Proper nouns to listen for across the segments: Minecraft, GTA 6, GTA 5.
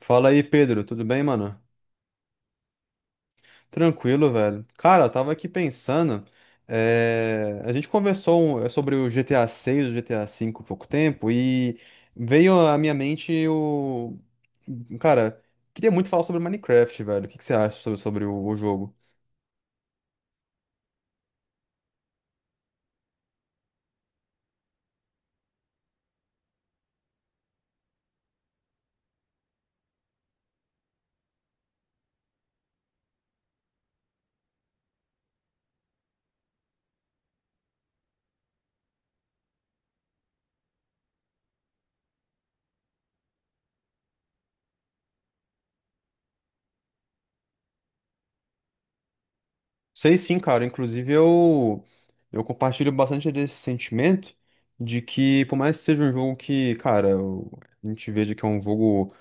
Fala aí, Pedro, tudo bem, mano? Tranquilo, velho. Cara, eu tava aqui pensando, a gente conversou sobre o GTA 6, o GTA 5 há pouco tempo e veio à minha mente Cara, queria muito falar sobre Minecraft, velho. O que que você acha sobre o jogo? Sei sim, cara. Inclusive, eu compartilho bastante desse sentimento de que, por mais que seja um jogo que, cara, a gente veja que é um jogo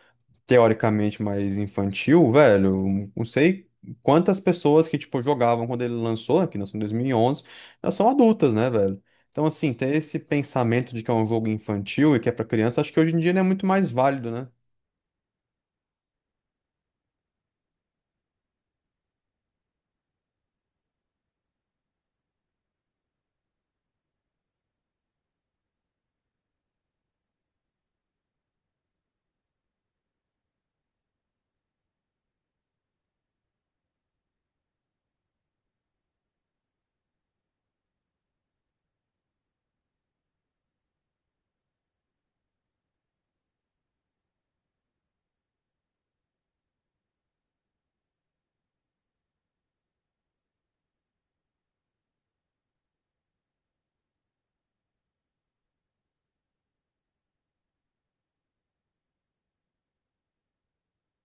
teoricamente mais infantil, velho. Não sei quantas pessoas que, tipo, jogavam quando ele lançou, que lançou em 2011, elas são adultas, né, velho? Então, assim, ter esse pensamento de que é um jogo infantil e que é pra criança, acho que hoje em dia ele é muito mais válido, né?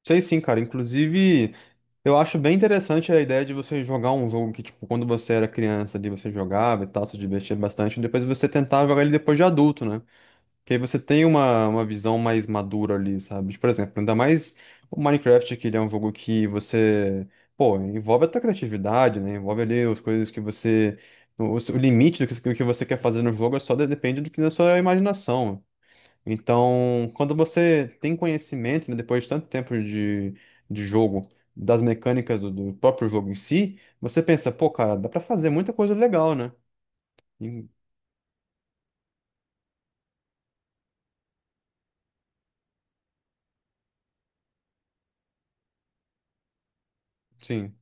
Sei sim, cara. Inclusive, eu acho bem interessante a ideia de você jogar um jogo que, tipo, quando você era criança, ali você jogava e tal, se divertia bastante, e depois você tentar jogar ele depois de adulto, né? Que aí você tem uma visão mais madura ali, sabe? Tipo, por exemplo, ainda mais o Minecraft, que ele é um jogo que você, pô, envolve a tua criatividade, né? Envolve ali as coisas que você. O limite do que você quer fazer no jogo é só depende do que da sua imaginação. Então, quando você tem conhecimento, né, depois de tanto tempo de jogo, das mecânicas do próprio jogo em si, você pensa, pô, cara, dá pra fazer muita coisa legal, né? E- sim.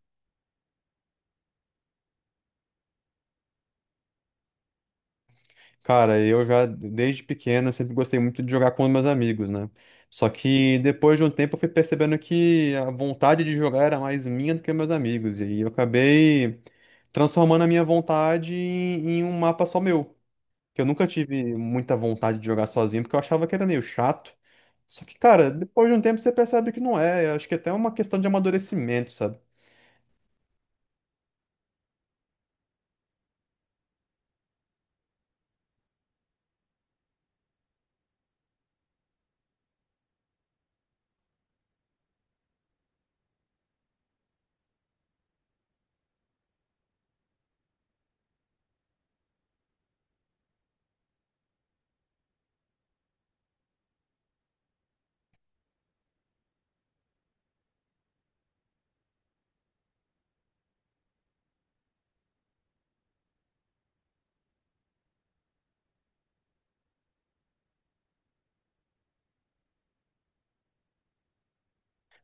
Cara, eu já, desde pequeno, eu sempre gostei muito de jogar com os meus amigos, né? Só que depois de um tempo eu fui percebendo que a vontade de jogar era mais minha do que meus amigos. E aí eu acabei transformando a minha vontade em um mapa só meu. Que eu nunca tive muita vontade de jogar sozinho, porque eu achava que era meio chato. Só que, cara, depois de um tempo você percebe que não é. Eu acho que até é uma questão de amadurecimento, sabe?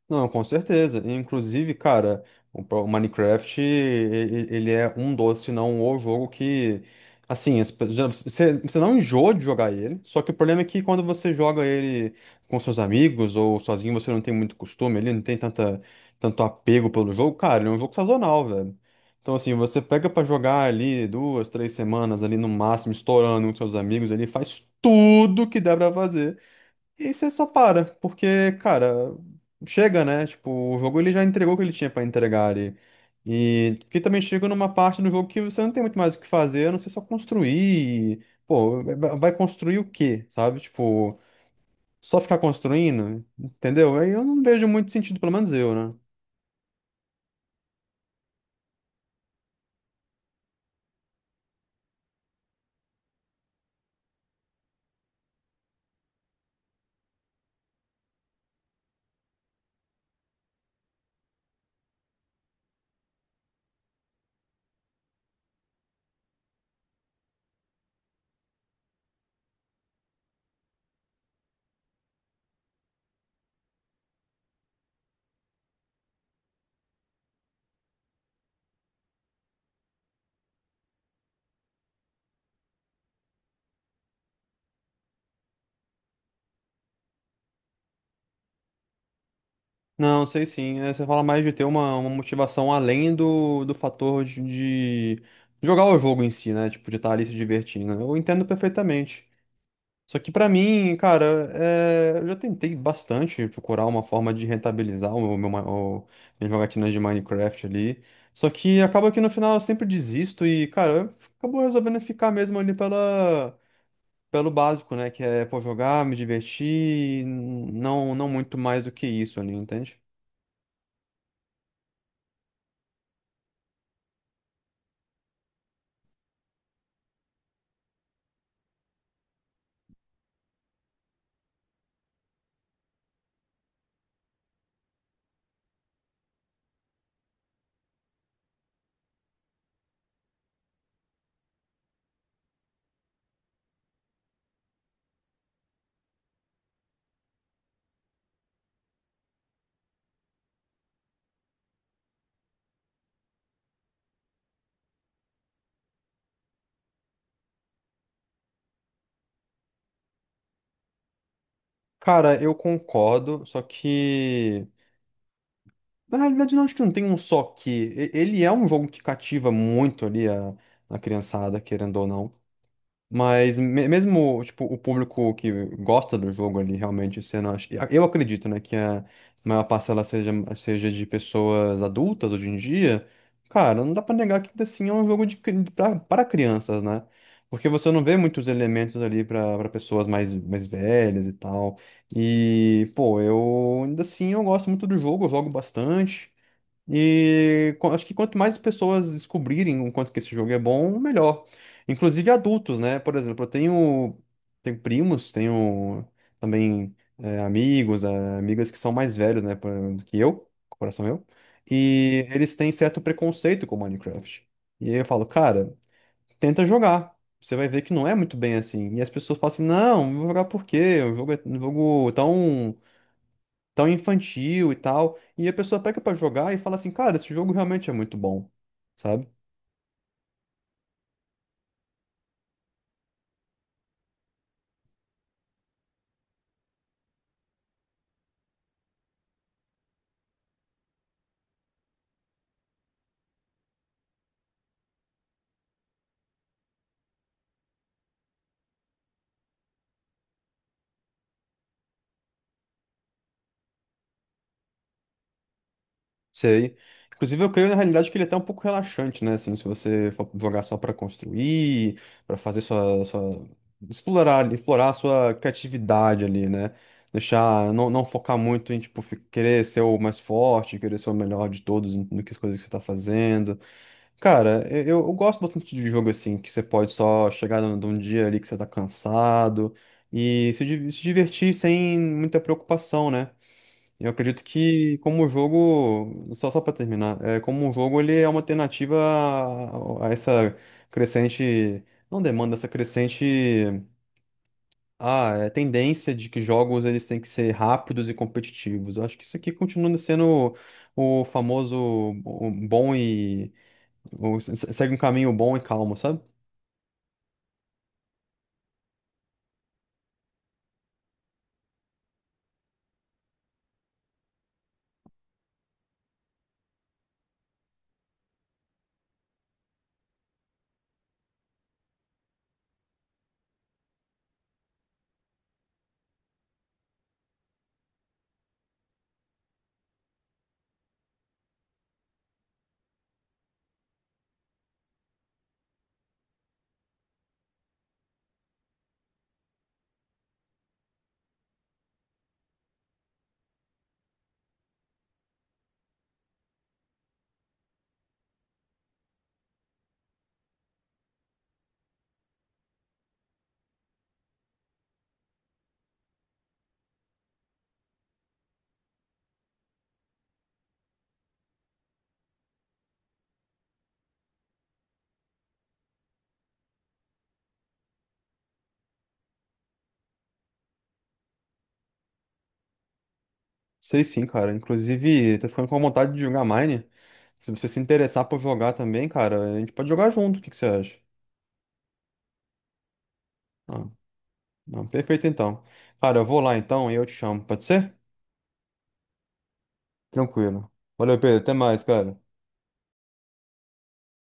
Não, com certeza. Inclusive, cara, o Minecraft, ele é um dos, se não o jogo que, assim, você não enjoa de jogar ele, só que o problema é que quando você joga ele com seus amigos ou sozinho, você não tem muito costume, ele não tem tanto apego pelo jogo, cara, ele é um jogo sazonal, velho. Então, assim, você pega pra jogar ali duas, três semanas ali no máximo, estourando com seus amigos, ele faz tudo que dá pra fazer. E aí você só para, porque, cara, chega, né? Tipo, o jogo ele já entregou o que ele tinha pra entregar ali. E que também chega numa parte do jogo que você não tem muito mais o que fazer, a não ser só construir. E, pô, vai construir o quê, sabe? Tipo, só ficar construindo, entendeu? Aí eu não vejo muito sentido, pelo menos eu, né? Não, sei sim. Você fala mais de ter uma motivação além do fator de jogar o jogo em si, né? Tipo, de estar ali se divertindo. Eu entendo perfeitamente. Só que pra mim, cara, eu já tentei bastante procurar uma forma de rentabilizar o meu, ma- o... minhas jogatinas de Minecraft ali. Só que acaba que no final eu sempre desisto e, cara, eu acabo resolvendo ficar mesmo ali pelo básico, né? Que é, pô, jogar, me divertir, não não muito mais do que isso ali, entende? Cara, eu concordo, só que. Na realidade, não, acho que não tem um só que. Ele é um jogo que cativa muito ali a criançada, querendo ou não. Mas mesmo, tipo, o público que gosta do jogo ali, realmente, sendo, eu acredito, né, que a maior parcela seja de pessoas adultas hoje em dia, cara, não dá pra negar que ainda assim é um jogo para crianças, né? Porque você não vê muitos elementos ali pra pessoas mais velhas e tal. E, pô, eu ainda assim eu gosto muito do jogo, eu jogo bastante. E acho que quanto mais pessoas descobrirem o quanto que esse jogo é bom, melhor. Inclusive adultos, né? Por exemplo, eu tenho primos, tenho também amigos, amigas que são mais velhos, né, que eu, coração eu, e eles têm certo preconceito com Minecraft. E aí eu falo, cara, tenta jogar. Você vai ver que não é muito bem assim. E as pessoas falam assim, não, vou jogar por quê? O jogo é um jogo é tão infantil e tal. E a pessoa pega pra jogar e fala assim, cara, esse jogo realmente é muito bom, sabe? Sei. Inclusive, eu creio na realidade que ele é até um pouco relaxante, né? Assim, se você for jogar só pra construir, pra fazer explorar a sua criatividade ali, né? Deixar, não, não focar muito em, tipo, querer ser o mais forte, querer ser o melhor de todos no que as coisas que você tá fazendo. Cara, eu gosto bastante de jogo assim, que você pode só chegar num dia ali que você tá cansado e se divertir sem muita preocupação, né? Eu acredito que como o jogo, só para terminar, como o jogo ele é uma alternativa a essa crescente, não demanda, essa crescente tendência de que jogos eles têm que ser rápidos e competitivos. Eu acho que isso aqui continua sendo o famoso o bom e ou segue um caminho bom e calmo, sabe? Sei sim, cara. Inclusive, tô ficando com vontade de jogar Mine. Se você se interessar por jogar também, cara, a gente pode jogar junto. O que que você acha? Ah, não, perfeito então. Cara, eu vou lá então e eu te chamo, pode ser? Tranquilo. Valeu, Pedro. Até mais, cara.